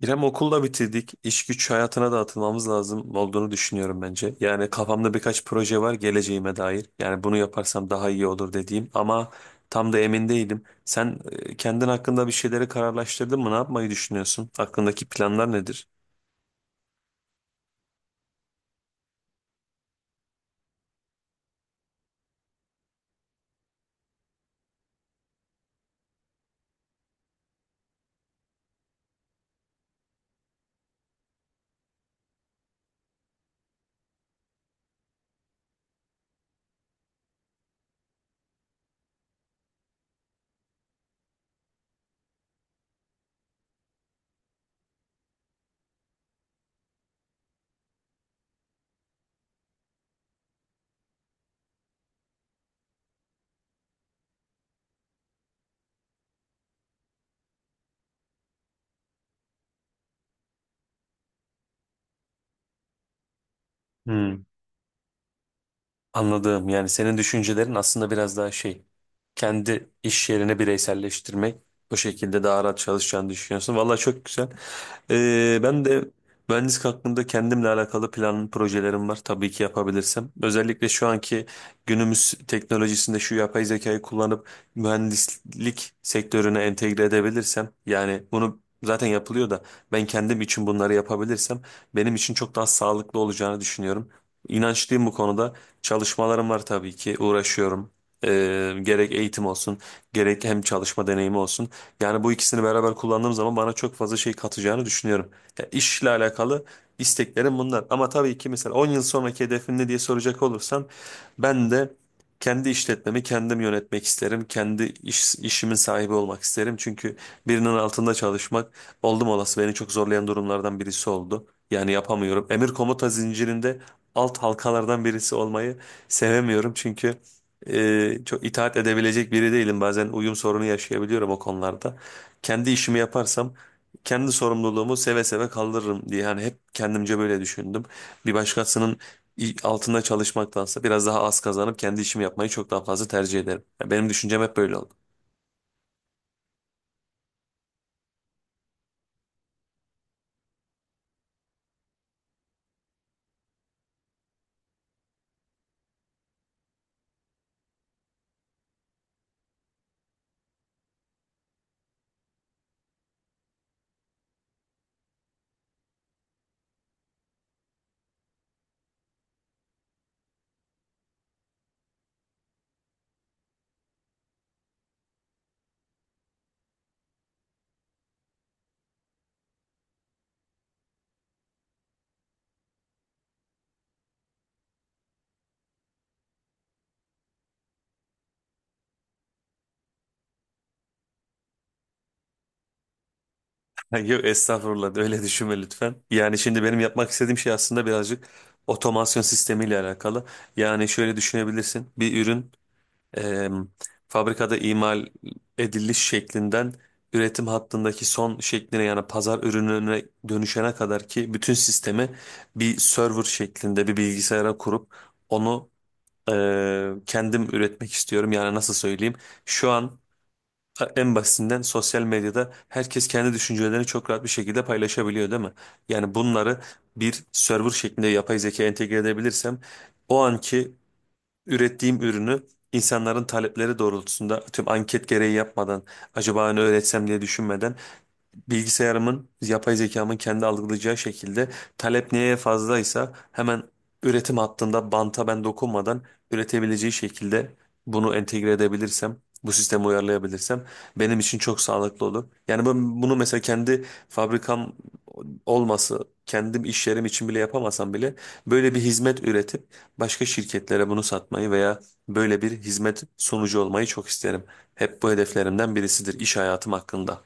İrem okulda bitirdik. İş güç hayatına da atılmamız lazım olduğunu düşünüyorum bence. Yani kafamda birkaç proje var geleceğime dair. Yani bunu yaparsam daha iyi olur dediğim ama tam da emin değilim. Sen kendin hakkında bir şeyleri kararlaştırdın mı? Ne yapmayı düşünüyorsun? Aklındaki planlar nedir? Hmm. Anladığım yani senin düşüncelerin aslında biraz daha şey kendi iş yerine bireyselleştirmek o şekilde daha rahat çalışacağını düşünüyorsun. Valla çok güzel. Ben de mühendislik hakkında kendimle alakalı plan projelerim var tabii ki yapabilirsem. Özellikle şu anki günümüz teknolojisinde şu yapay zekayı kullanıp mühendislik sektörüne entegre edebilirsem yani bunu zaten yapılıyor da ben kendim için bunları yapabilirsem benim için çok daha sağlıklı olacağını düşünüyorum. İnançlıyım bu konuda. Çalışmalarım var tabii ki uğraşıyorum. Gerek eğitim olsun gerek hem çalışma deneyimi olsun. Yani bu ikisini beraber kullandığım zaman bana çok fazla şey katacağını düşünüyorum. Ya işle alakalı isteklerim bunlar. Ama tabii ki mesela 10 yıl sonraki hedefin ne diye soracak olursan ben de kendi işletmemi kendim yönetmek isterim. Kendi iş, işimin sahibi olmak isterim. Çünkü birinin altında çalışmak oldum olası beni çok zorlayan durumlardan birisi oldu. Yani yapamıyorum. Emir komuta zincirinde alt halkalardan birisi olmayı sevemiyorum. Çünkü çok itaat edebilecek biri değilim. Bazen uyum sorunu yaşayabiliyorum o konularda. Kendi işimi yaparsam kendi sorumluluğumu seve seve kaldırırım diye. Hani hep kendimce böyle düşündüm. Bir başkasının altında çalışmaktansa biraz daha az kazanıp kendi işimi yapmayı çok daha fazla tercih ederim. Yani benim düşüncem hep böyle oldu. Yok estağfurullah öyle düşünme lütfen. Yani şimdi benim yapmak istediğim şey aslında birazcık otomasyon sistemiyle alakalı. Yani şöyle düşünebilirsin. Bir ürün e, fabrikada imal ediliş şeklinden üretim hattındaki son şekline yani pazar ürününe dönüşene kadar ki bütün sistemi bir server şeklinde bir bilgisayara kurup onu e, kendim üretmek istiyorum. Yani nasıl söyleyeyim? Şu an en basitinden sosyal medyada herkes kendi düşüncelerini çok rahat bir şekilde paylaşabiliyor değil mi? Yani bunları bir server şeklinde yapay zeka entegre edebilirsem o anki ürettiğim ürünü insanların talepleri doğrultusunda tüm anket gereği yapmadan acaba ne öğretsem diye düşünmeden bilgisayarımın, yapay zekamın kendi algılayacağı şekilde talep neye fazlaysa hemen üretim hattında banta ben dokunmadan üretebileceği şekilde bunu entegre edebilirsem, bu sisteme uyarlayabilirsem benim için çok sağlıklı olur. Yani ben bunu mesela kendi fabrikam olması, kendim iş yerim için bile yapamasam bile böyle bir hizmet üretip başka şirketlere bunu satmayı veya böyle bir hizmet sunucu olmayı çok isterim. Hep bu hedeflerimden birisidir iş hayatım hakkında.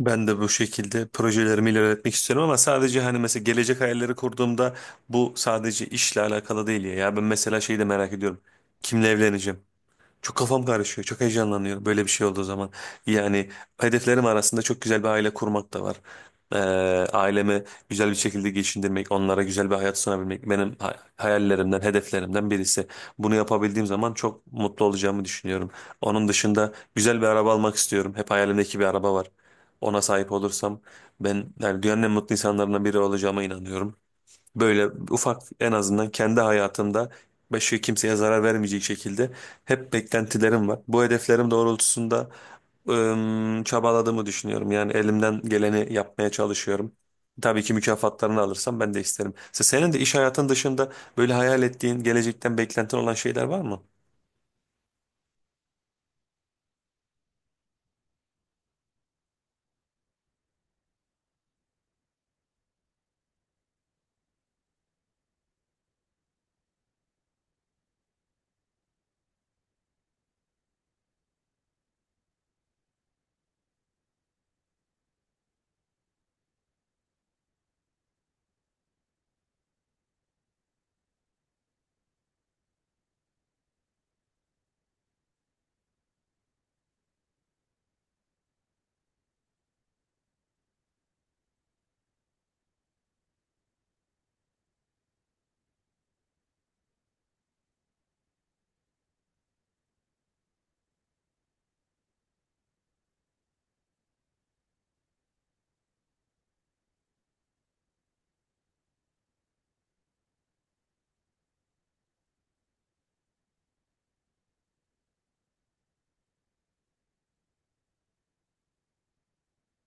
Ben de bu şekilde projelerimi ilerletmek istiyorum ama sadece hani mesela gelecek hayalleri kurduğumda bu sadece işle alakalı değil ya. Ya ben mesela şeyi de merak ediyorum. Kimle evleneceğim? Çok kafam karışıyor. Çok heyecanlanıyorum böyle bir şey olduğu zaman. Yani hedeflerim arasında çok güzel bir aile kurmak da var. Ee, Ailemi güzel bir şekilde geçindirmek, onlara güzel bir hayat sunabilmek benim hayallerimden, hedeflerimden birisi. Bunu yapabildiğim zaman çok mutlu olacağımı düşünüyorum. Onun dışında güzel bir araba almak istiyorum. Hep hayalimdeki bir araba var. Ona sahip olursam ben yani dünyanın en mutlu insanlarından biri olacağıma inanıyorum. Böyle ufak en azından kendi hayatımda başka kimseye zarar vermeyecek şekilde hep beklentilerim var. Bu hedeflerim doğrultusunda çabaladığımı düşünüyorum. Yani elimden geleni yapmaya çalışıyorum. Tabii ki mükafatlarını alırsam ben de isterim. Senin de iş hayatın dışında böyle hayal ettiğin, gelecekten beklentin olan şeyler var mı?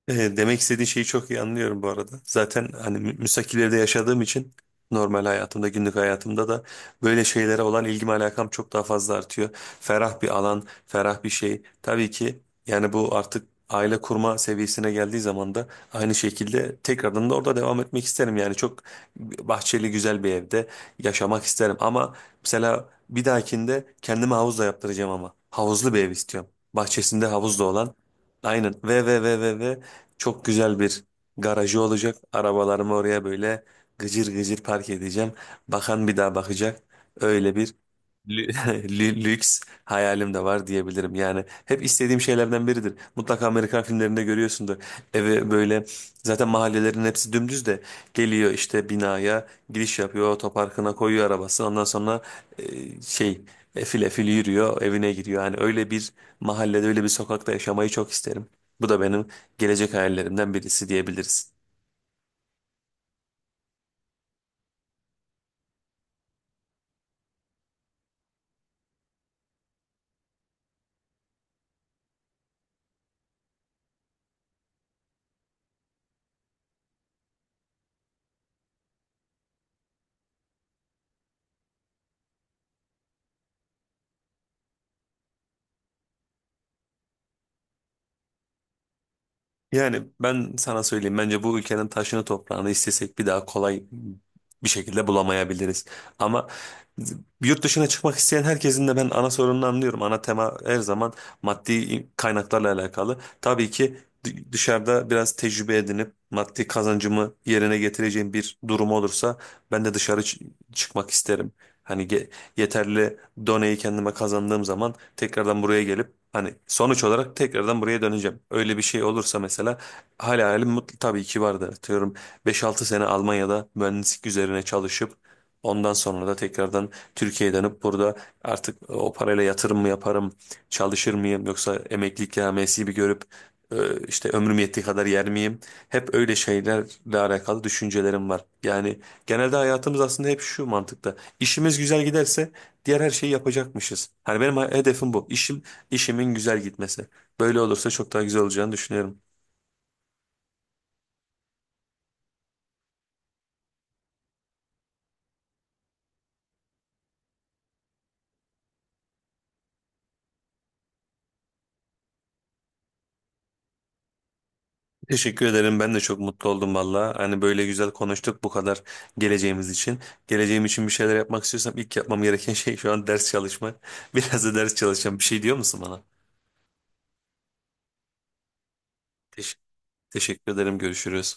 Demek istediğin şeyi çok iyi anlıyorum bu arada. Zaten hani müstakil evde yaşadığım için normal hayatımda, günlük hayatımda da böyle şeylere olan ilgim alakam çok daha fazla artıyor. Ferah bir alan, ferah bir şey. Tabii ki yani bu artık aile kurma seviyesine geldiği zaman da aynı şekilde tekrardan da orada devam etmek isterim. Yani çok bahçeli güzel bir evde yaşamak isterim. Ama mesela bir dahakinde kendime havuz da yaptıracağım ama. Havuzlu bir ev istiyorum. Bahçesinde havuz da olan. Aynen. Ve çok güzel bir garajı olacak. Arabalarımı oraya böyle gıcır gıcır park edeceğim. Bakan bir daha bakacak. Öyle bir Lü- Lüks hayalim de var diyebilirim. Yani hep istediğim şeylerden biridir. Mutlaka Amerikan filmlerinde görüyorsundur. Eve böyle zaten mahallelerin hepsi dümdüz de geliyor işte binaya giriş yapıyor, otoparkına koyuyor arabası. Ondan sonra şey efil efil yürüyor, evine giriyor. Yani öyle bir mahallede, öyle bir sokakta yaşamayı çok isterim. Bu da benim gelecek hayallerimden birisi diyebiliriz. Yani ben sana söyleyeyim bence bu ülkenin taşını toprağını istesek bir daha kolay bir şekilde bulamayabiliriz. Ama yurt dışına çıkmak isteyen herkesin de ben ana sorununu anlıyorum. Ana tema her zaman maddi kaynaklarla alakalı. Tabii ki dışarıda biraz tecrübe edinip maddi kazancımı yerine getireceğim bir durum olursa ben de dışarı çıkmak isterim. Hani yeterli doneyi kendime kazandığım zaman tekrardan buraya gelip hani sonuç olarak tekrardan buraya döneceğim. Öyle bir şey olursa mesela hala hayalim mutlu tabii ki vardı. Diyorum 5-6 sene Almanya'da mühendislik üzerine çalışıp ondan sonra da tekrardan Türkiye'ye dönüp burada artık o parayla yatırım mı yaparım, çalışır mıyım yoksa emeklilik yamyesi bir görüp işte ömrüm yettiği kadar yer miyim? Hep öyle şeylerle alakalı düşüncelerim var. Yani genelde hayatımız aslında hep şu mantıkta. İşimiz güzel giderse diğer her şeyi yapacakmışız. Hani benim hedefim bu. İşim, işimin güzel gitmesi. Böyle olursa çok daha güzel olacağını düşünüyorum. Teşekkür ederim. Ben de çok mutlu oldum valla. Hani böyle güzel konuştuk bu kadar geleceğimiz için. Geleceğim için bir şeyler yapmak istiyorsam ilk yapmam gereken şey şu an ders çalışmak. Biraz da ders çalışacağım. Bir şey diyor musun bana? Teş- Teşekkür ederim. Görüşürüz.